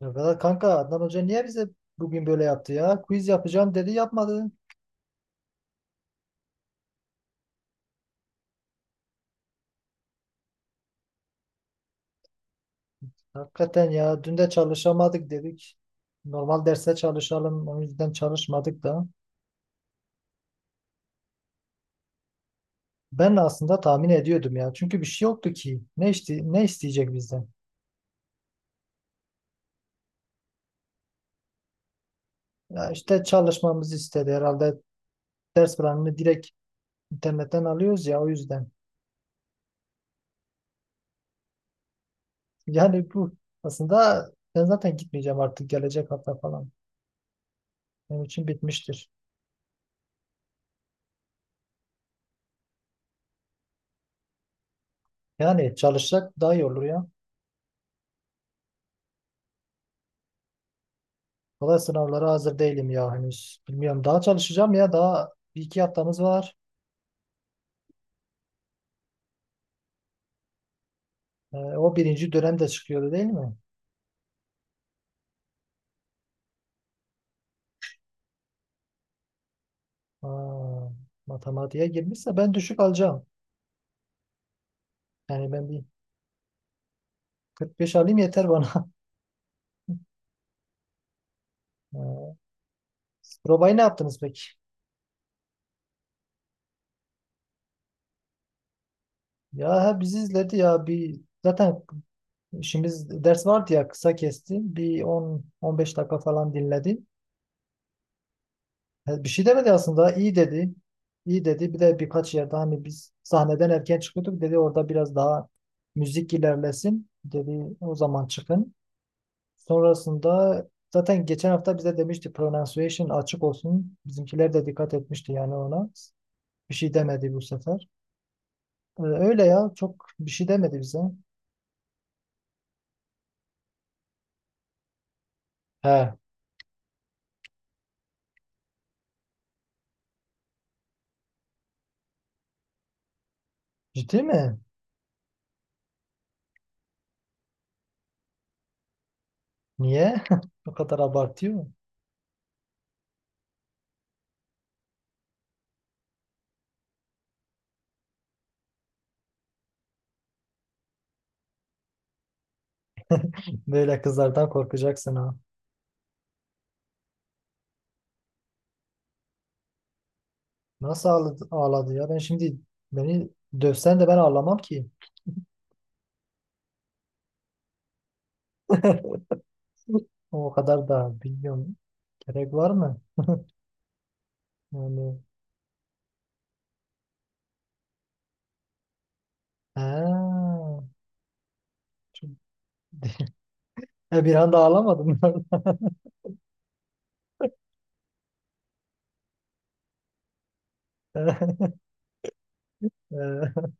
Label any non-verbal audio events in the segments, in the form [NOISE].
Ya Vedat kanka, Adnan Hoca niye bize bugün böyle yaptı ya? Quiz yapacağım dedi, yapmadı. Hakikaten ya, dün de çalışamadık dedik. Normal derse çalışalım, o yüzden çalışmadık da. Ben aslında tahmin ediyordum ya. Çünkü bir şey yoktu ki. Ne işte ne isteyecek bizden? Ya işte çalışmamızı istedi herhalde. Ders planını direkt internetten alıyoruz ya, o yüzden. [LAUGHS] Yani bu aslında, ben zaten gitmeyeceğim artık gelecek hafta falan. Benim için bitmiştir. Yani çalışsak daha iyi olur ya. Valla sınavlara hazır değilim ya henüz. Bilmiyorum, daha çalışacağım ya, daha bir iki haftamız var. O birinci dönem de çıkıyordu değil mi? Aa, matematiğe girmişse ben düşük alacağım. Yani ben bir 45 alayım yeter bana. [LAUGHS] Ee, Probayı ne yaptınız peki? Ya he, bizi izledi ya, bir zaten işimiz ders vardı ya, kısa kesti. Bir 10-15 dakika falan dinledi. He, bir şey demedi aslında. İyi dedi. İyi dedi. Bir de birkaç yerde hani biz sahneden erken çıkıyorduk. Dedi orada biraz daha müzik ilerlesin. Dedi o zaman çıkın. Sonrasında zaten geçen hafta bize demişti pronunciation açık olsun. Bizimkiler de dikkat etmişti yani ona. Bir şey demedi bu sefer. Öyle ya, çok bir şey demedi bize. He, ciddi mi? Niye? [LAUGHS] O kadar abartıyor mu? Böyle kızlardan korkacaksın ha. Nasıl ağladı, ağladı ya? Ben şimdi beni dövsen de ben ağlamam ki. [LAUGHS] O kadar da bilmiyorum. Gerek var mı? Yani ha, çok- bir anda ağlamadım. [LAUGHS] E,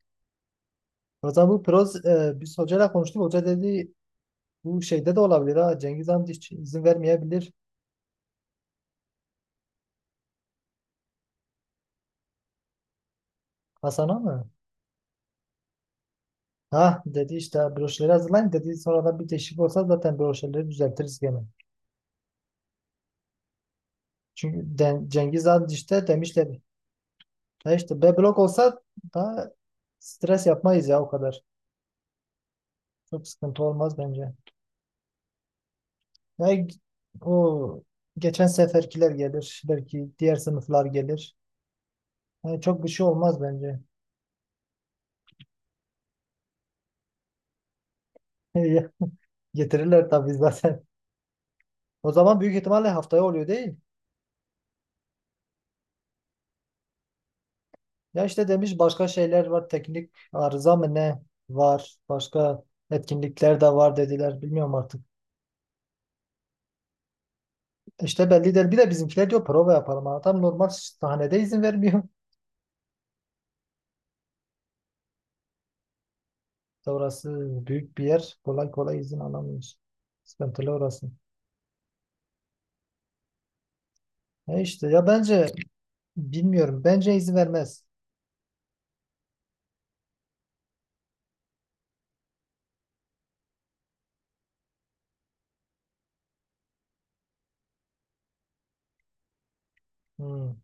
o zaman bu biz hocayla konuştuk. Hoca dedi bu şeyde de olabilir ha. Cengiz amca hiç izin vermeyebilir. Hasan'a mı? Ha, dedi işte broşürleri hazırlayın dedi. Sonradan bir değişiklik olsa zaten broşürleri düzeltiriz gene. Çünkü Cengiz amca işte demişler. Ya işte B blok olsa daha stres yapmayız ya o kadar. Çok sıkıntı olmaz bence. Ya o geçen seferkiler gelir. Belki diğer sınıflar gelir. Yani çok bir şey olmaz bence. [LAUGHS] Getirirler tabii zaten. O zaman büyük ihtimalle haftaya oluyor değil. Ya işte demiş başka şeyler var. Teknik arıza mı ne var. Başka etkinlikler de var dediler. Bilmiyorum artık. İşte belli değil. Bir de bizimkiler diyor prova yapalım. Adam normal sahnede izin vermiyor. İşte orası büyük bir yer. Kolay kolay izin alamıyoruz. Sıkıntılı orası. E işte ya bence bilmiyorum. Bence izin vermez. Hmm.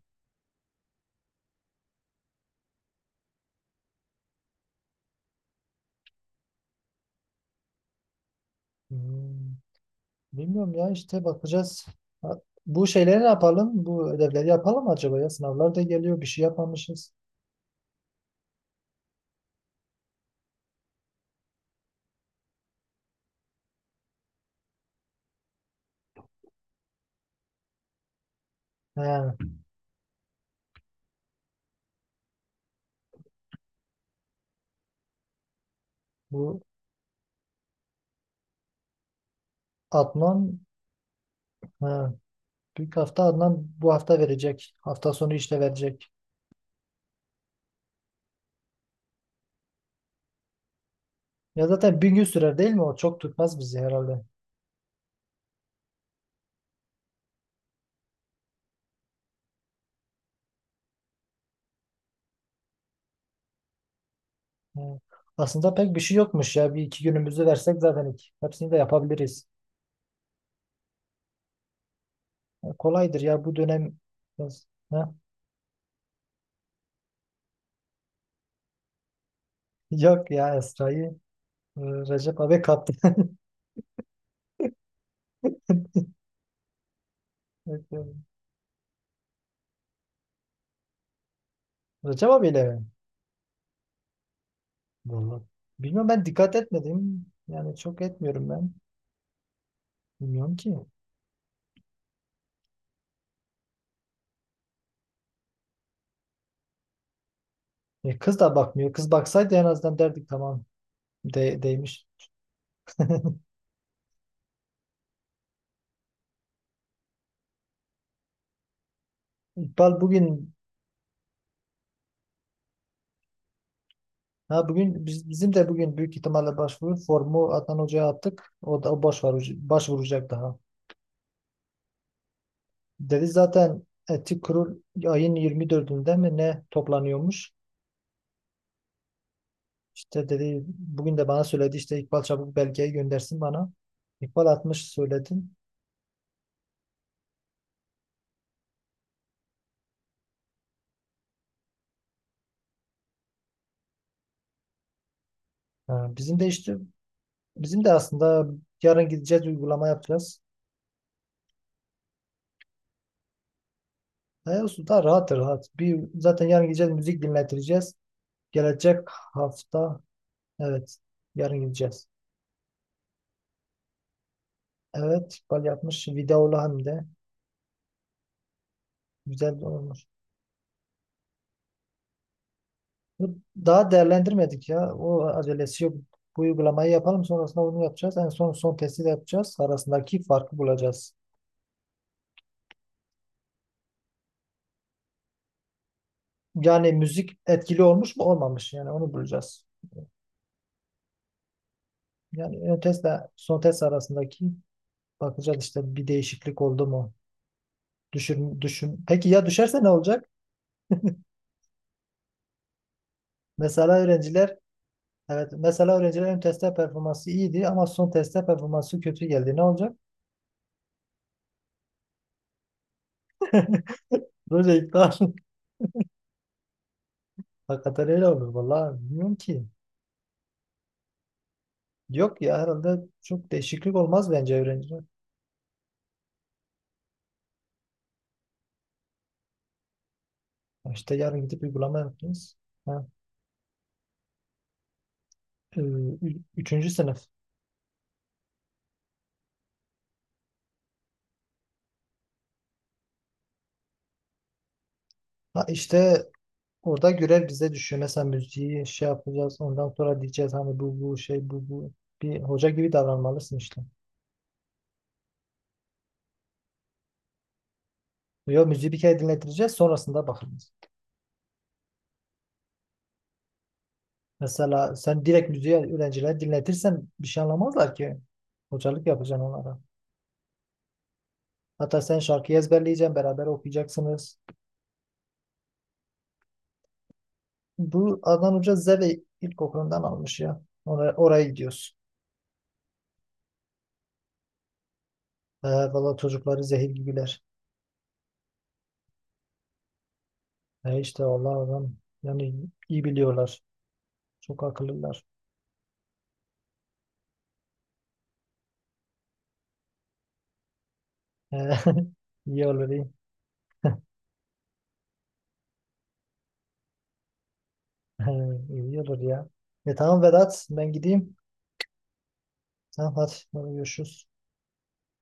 Hmm. Bilmiyorum ya, işte bakacağız. Ha, bu şeyleri ne yapalım? Bu ödevleri yapalım mı acaba ya? Sınavlar da geliyor. Bir şey yapmamışız. He, bu Adnan he, büyük hafta Adnan bu hafta verecek. Hafta sonu işte verecek. Ya zaten bir gün sürer değil mi? O çok tutmaz bizi herhalde. Hı. Aslında pek bir şey yokmuş ya. Bir iki günümüzü versek zaten hepsini de yapabiliriz. E, kolaydır ya bu dönem. Ha? [LAUGHS] Yok ya, Esra'yı e, Recep abi kaptı. [LAUGHS] Evet, evet. Recep abiyle mi? Vallahi. Bilmiyorum, ben dikkat etmedim. Yani çok etmiyorum ben. Bilmiyorum ki. E, kız da bakmıyor. Kız baksaydı en azından derdik tamam değmiş. [LAUGHS] İkbal bugün ha bugün bizim de bugün büyük ihtimalle başvuru formu Adnan Hoca'ya attık. O da o başvuracak daha. Dedi zaten etik kurul ayın 24'ünde mi ne toplanıyormuş? İşte dedi bugün de bana söyledi, işte İkbal çabuk belgeyi göndersin bana. İkbal atmış söyledim. Ha, bizim de aslında yarın gideceğiz uygulama yapacağız. E, olsun da rahat rahat. Bir, zaten yarın gideceğiz müzik dinletireceğiz. Gelecek hafta evet yarın gideceğiz. Evet İkbal yapmış, videolu hem de, güzel olmuş. Bu Daha değerlendirmedik ya. O acelesi yok. Bu uygulamayı yapalım, sonrasında onu yapacağız. En son son testi de yapacağız. Arasındaki farkı bulacağız. Yani müzik etkili olmuş mu olmamış, yani onu bulacağız. Yani ön testle son test arasındaki bakacağız işte bir değişiklik oldu mu? Düşün, düşün. Peki ya düşerse ne olacak? Mesela öğrenciler evet mesela öğrenciler ön testte performansı iyiydi ama son testte performansı kötü geldi. Ne olacak? Böyle iptal. [LAUGHS] Hakikaten öyle olur, vallahi bilmiyorum ki. Yok ya, herhalde çok değişiklik olmaz bence öğrenciler. Ya İşte yarın gidip uygulama yapacağız. Ha, e, üçüncü sınıf. Ha, işte orada görev bize düşüyor. Mesela müziği şey yapacağız. Ondan sonra diyeceğiz hani bu bu şey bu bu. Bir hoca gibi davranmalısın işte. Yo, müziği bir kere dinletireceğiz, sonrasında bakacağız. Mesela sen direkt müziği öğrencilere dinletirsen bir şey anlamazlar ki. Hocalık yapacaksın onlara. Hatta sen şarkıyı ezberleyeceksin, beraber okuyacaksınız. Bu Adnan Hoca Zeve İlkokulu'ndan almış ya. Oraya gidiyoruz. Valla çocukları zehir gibiler. İşte Allah adam, yani iyi biliyorlar. Çok akıllılar. Ee, [LAUGHS] iyi olur iyi. [LAUGHS] Ee, olur ya. E tamam Vedat, ben gideyim. Tamam hadi. Hadi görüşürüz.